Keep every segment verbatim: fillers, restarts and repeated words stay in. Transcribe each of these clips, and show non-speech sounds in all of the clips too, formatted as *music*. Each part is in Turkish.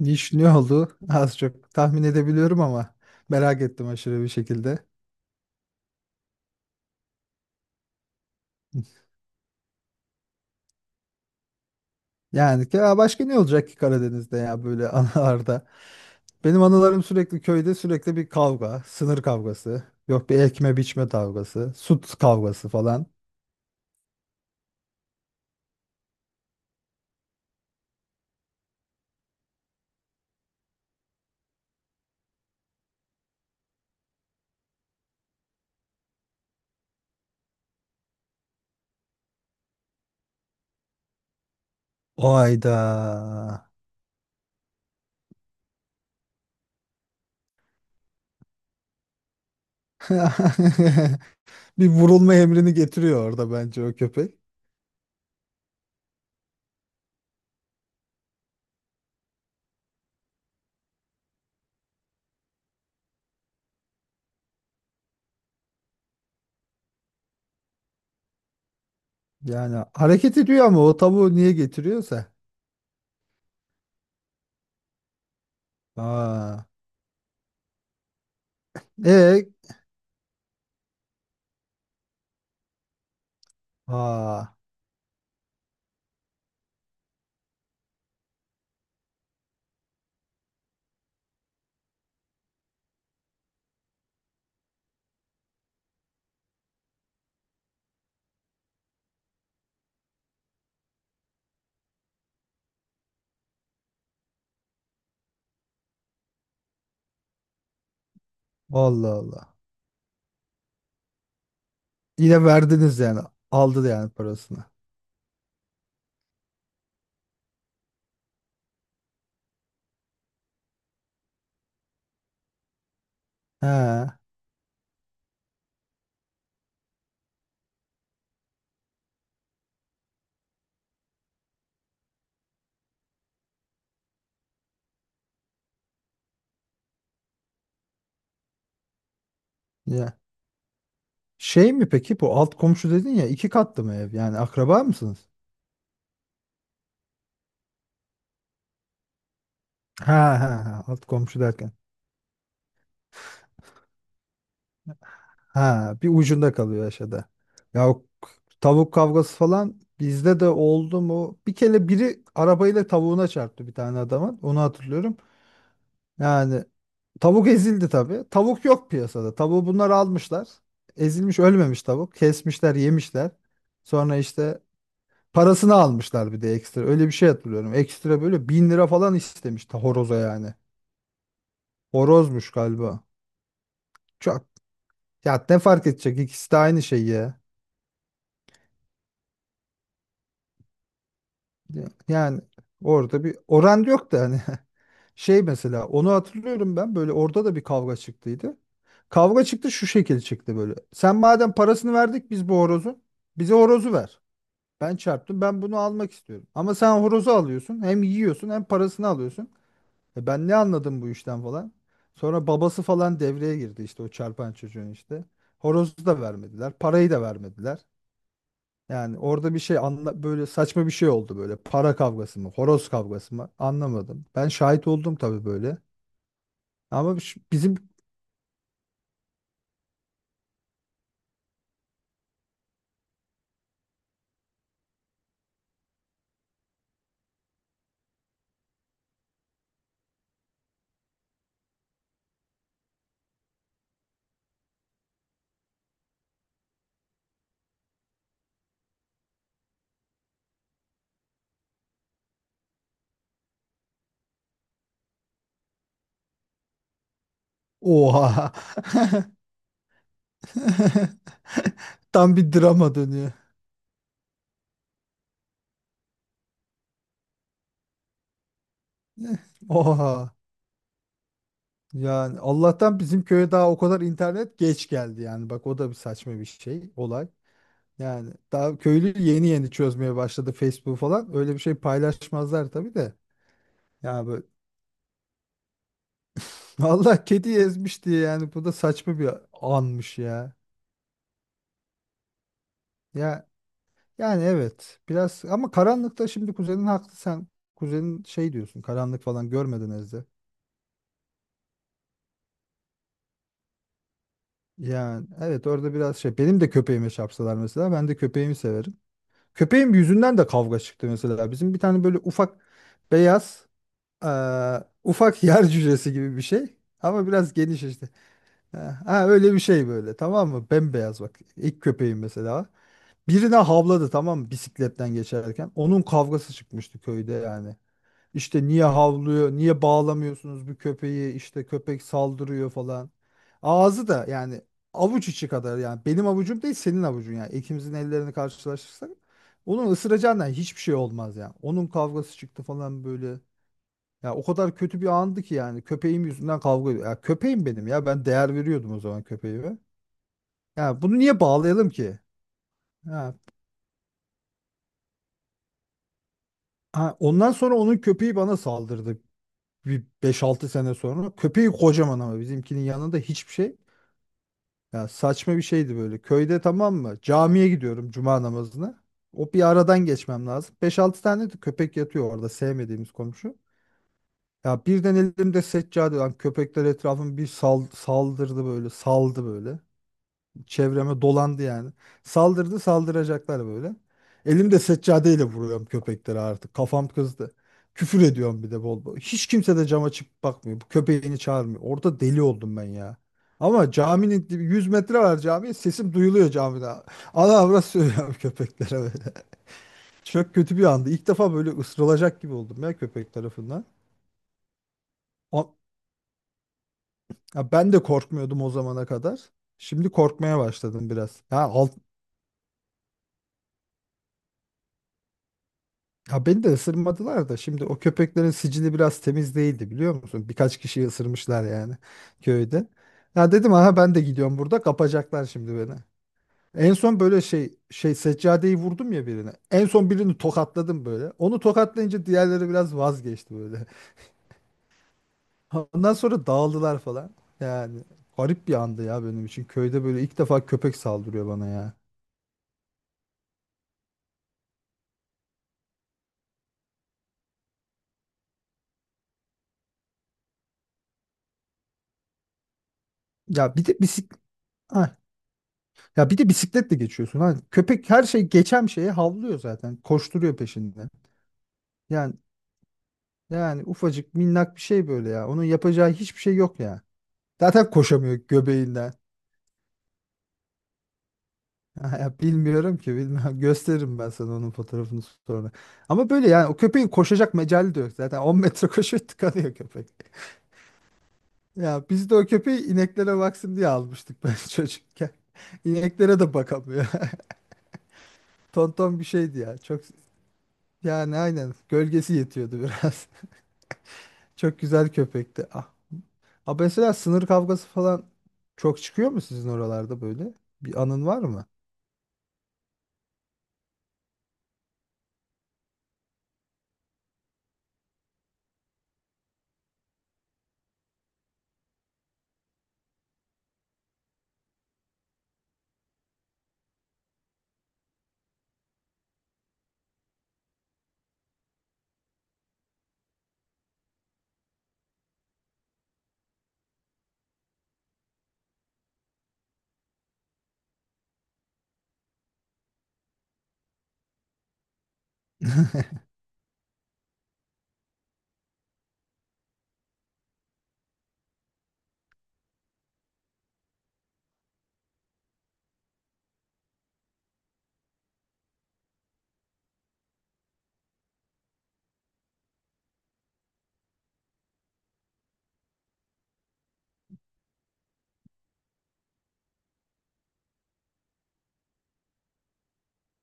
Niş ne oldu? Az çok tahmin edebiliyorum ama merak ettim aşırı bir şekilde. Yani ki ya başka ne olacak ki Karadeniz'de ya böyle *laughs* anılarda? Benim anılarım sürekli köyde sürekli bir kavga, sınır kavgası, yok bir ekme biçme kavgası, süt kavgası falan. O ayda. *laughs* Bir vurulma emrini getiriyor orada bence o köpek. Yani hareket ediyor ama o tavuğu niye getiriyorsa. Aa. E, aa. Allah Allah. Yine verdiniz yani. Aldı yani parasını. He. Ya. Şey mi peki bu alt komşu dedin ya, iki katlı mı ev? Yani akraba mısınız? Ha, ha, ha, alt komşu derken. Ha, bir ucunda kalıyor aşağıda. Ya o k- tavuk kavgası falan bizde de oldu mu? Bir kere biri arabayla tavuğuna çarptı bir tane adamın. Onu hatırlıyorum. Yani tavuk ezildi tabii. Tavuk yok piyasada. Tavuğu bunlar almışlar. Ezilmiş, ölmemiş tavuk. Kesmişler, yemişler. Sonra işte parasını almışlar bir de ekstra. Öyle bir şey hatırlıyorum. Ekstra böyle bin lira falan istemiş ta horoza yani. Horozmuş galiba. Çok. Ya ne fark edecek? İkisi de aynı şey ya. Ya- Yani orada bir oran yok da hani *laughs* şey mesela onu hatırlıyorum ben, böyle orada da bir kavga çıktıydı. Kavga çıktı, şu şekil çıktı böyle. Sen madem parasını verdik biz bu horozun, bize horozu ver. Ben çarptım, ben bunu almak istiyorum. Ama sen horozu alıyorsun, hem yiyorsun hem parasını alıyorsun. E ben ne anladım bu işten falan. Sonra babası falan devreye girdi işte, o çarpan çocuğun işte. Horozu da vermediler, parayı da vermediler. Yani orada bir şey anla, böyle saçma bir şey oldu böyle. Para kavgası mı, horoz kavgası mı anlamadım. Ben şahit oldum tabii böyle. Ama şu- bizim. Oha. *laughs* Tam bir drama dönüyor. *laughs* Oha. Yani Allah'tan bizim köye daha o kadar internet geç geldi yani. Bak o da bir saçma bir şey olay. Yani daha köylü yeni yeni çözmeye başladı Facebook falan. Öyle bir şey paylaşmazlar tabii de. Yani vallahi kedi ezmiş diye, yani bu da saçma bir anmış ya. Ya yani evet, biraz ama karanlıkta, şimdi kuzenin haklı, sen kuzenin şey diyorsun, karanlık falan görmeden ezdi. Yani evet orada biraz şey, benim de köpeğime çarpsalar mesela, ben de köpeğimi severim. Köpeğim yüzünden de kavga çıktı mesela, bizim bir tane böyle ufak beyaz eee, ufak yer cücesi gibi bir şey, ama biraz geniş işte. Ha, ha, öyle bir şey böyle, tamam mı? Bembeyaz, bak, ilk köpeğim mesela. Birine havladı, tamam mı, bisikletten geçerken. Onun kavgası çıkmıştı köyde yani. İşte niye havlıyor, niye bağlamıyorsunuz bu köpeği, işte köpek saldırıyor falan. Ağzı da yani avuç içi kadar yani, benim avucum değil, senin avucun yani. İkimizin ellerini karşılaştırsak, onun ısıracağından hiçbir şey olmaz yani. Onun kavgası çıktı falan böyle. Ya o kadar kötü bir andı ki yani, köpeğim yüzünden kavga ediyor. Ya köpeğim benim ya, ben değer veriyordum o zaman köpeğime. Ya bunu niye bağlayalım ki? Ha, ha, ondan sonra onun köpeği bana saldırdı. Bir beş altı sene sonra. Köpeği kocaman ama bizimkinin yanında hiçbir şey. Ya saçma bir şeydi böyle. Köyde, tamam mı? Camiye gidiyorum cuma namazına. O bir aradan geçmem lazım. Beş altı tane de köpek yatıyor orada, sevmediğimiz komşu. Ya birden elimde seccade lan, köpekler etrafımı bir sal- saldırdı böyle, saldı böyle. Çevreme dolandı yani. Saldırdı, saldıracaklar böyle. Elimde seccadeyle vuruyorum köpeklere artık. Kafam kızdı. Küfür ediyorum bir de bol bol. Hiç kimse de cama çıkıp bakmıyor. Bu köpeğini çağırmıyor. Orada deli oldum ben ya. Ama caminin dibi 100 metre var cami. Sesim duyuluyor camide. Allah avrat söylüyorum *laughs* köpeklere böyle. Çok kötü bir andı. İlk defa böyle ısırılacak gibi oldum ya köpek tarafından. O- ya ben de korkmuyordum o zamana kadar. Şimdi korkmaya başladım biraz. Ya Ya beni de ısırmadılar da, şimdi o köpeklerin sicili biraz temiz değildi, biliyor musun? Birkaç kişiyi ısırmışlar yani köyde. Ya dedim aha, ben de gidiyorum burada, kapacaklar şimdi beni. En son böyle şey şey seccadeyi vurdum ya birine. En son birini tokatladım böyle. Onu tokatlayınca diğerleri biraz vazgeçti böyle. *laughs* Ondan sonra dağıldılar falan. Yani garip bir andı ya benim için. Köyde böyle ilk defa köpek saldırıyor bana ya. Ya bir de bisiklet Ya bir de bisikletle geçiyorsun. Hani köpek her şey, geçen şeye havlıyor zaten. Koşturuyor peşinden. Yani yani ufacık minnak bir şey böyle ya. Onun yapacağı hiçbir şey yok ya. Zaten koşamıyor göbeğinden. *laughs* Ya bilmiyorum ki, bilmem. *laughs* Gösteririm ben sana onun fotoğrafını sonra. Ama böyle yani o köpeğin koşacak mecali de yok. Zaten *laughs* on metre koşuyor, tıkanıyor köpek. *laughs* Ya biz de o köpeği ineklere baksın diye almıştık ben *laughs* çocukken. İneklere de bakamıyor. *laughs* Tonton bir şeydi ya. Çok, yani aynen gölgesi yetiyordu biraz. Çok güzel köpekti. Ah. Ha, mesela sınır kavgası falan çok çıkıyor mu sizin oralarda böyle? Bir anın var mı? *laughs*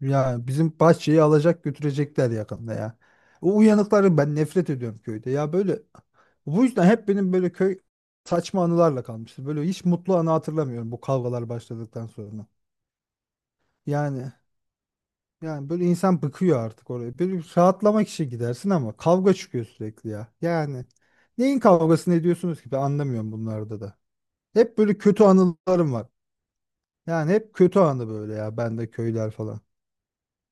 Ya bizim bahçeyi alacak götürecekler yakında ya. O uyanıkları ben nefret ediyorum köyde. Ya böyle bu yüzden hep benim böyle köy saçma anılarla kalmıştır. Böyle hiç mutlu anı hatırlamıyorum bu kavgalar başladıktan sonra. Yani yani böyle insan bıkıyor artık oraya. Böyle bir rahatlamak için gidersin ama kavga çıkıyor sürekli ya. Yani neyin kavgasını ediyorsunuz ki? Ben anlamıyorum bunlarda da. Hep böyle kötü anılarım var. Yani hep kötü anı böyle ya, ben de köyler falan.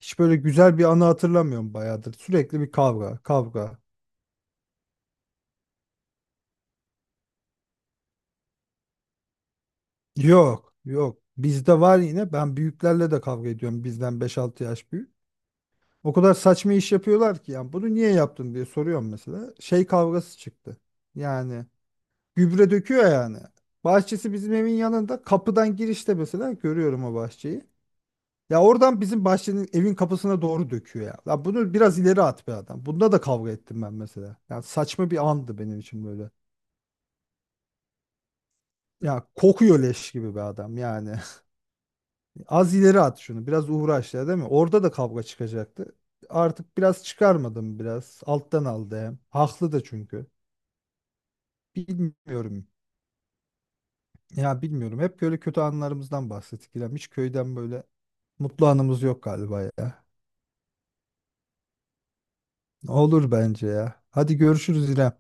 Hiç böyle güzel bir anı hatırlamıyorum bayağıdır. Sürekli bir kavga, kavga. Yok, yok. Bizde var yine. Ben büyüklerle de kavga ediyorum. Bizden beş altı yaş büyük. O kadar saçma iş yapıyorlar ki yani, bunu niye yaptın diye soruyorum mesela. Şey kavgası çıktı. Yani gübre döküyor yani. Bahçesi bizim evin yanında. Kapıdan girişte mesela görüyorum o bahçeyi. Ya oradan bizim bahçenin, evin kapısına doğru döküyor ya. Ya bunu biraz ileri at be adam. Bunda da kavga ettim ben mesela. Ya saçma bir andı benim için böyle. Ya kokuyor leş gibi be adam yani. *laughs* Az ileri at şunu. Biraz uğraş ya, değil mi? Orada da kavga çıkacaktı. Artık biraz çıkarmadım biraz. Alttan aldı hem. Haklı da çünkü. Bilmiyorum. Ya bilmiyorum. Hep böyle kötü anılarımızdan bahsettik İrem. Hiç köyden böyle mutlu anımız yok galiba ya. Olur bence ya. Hadi görüşürüz İrem.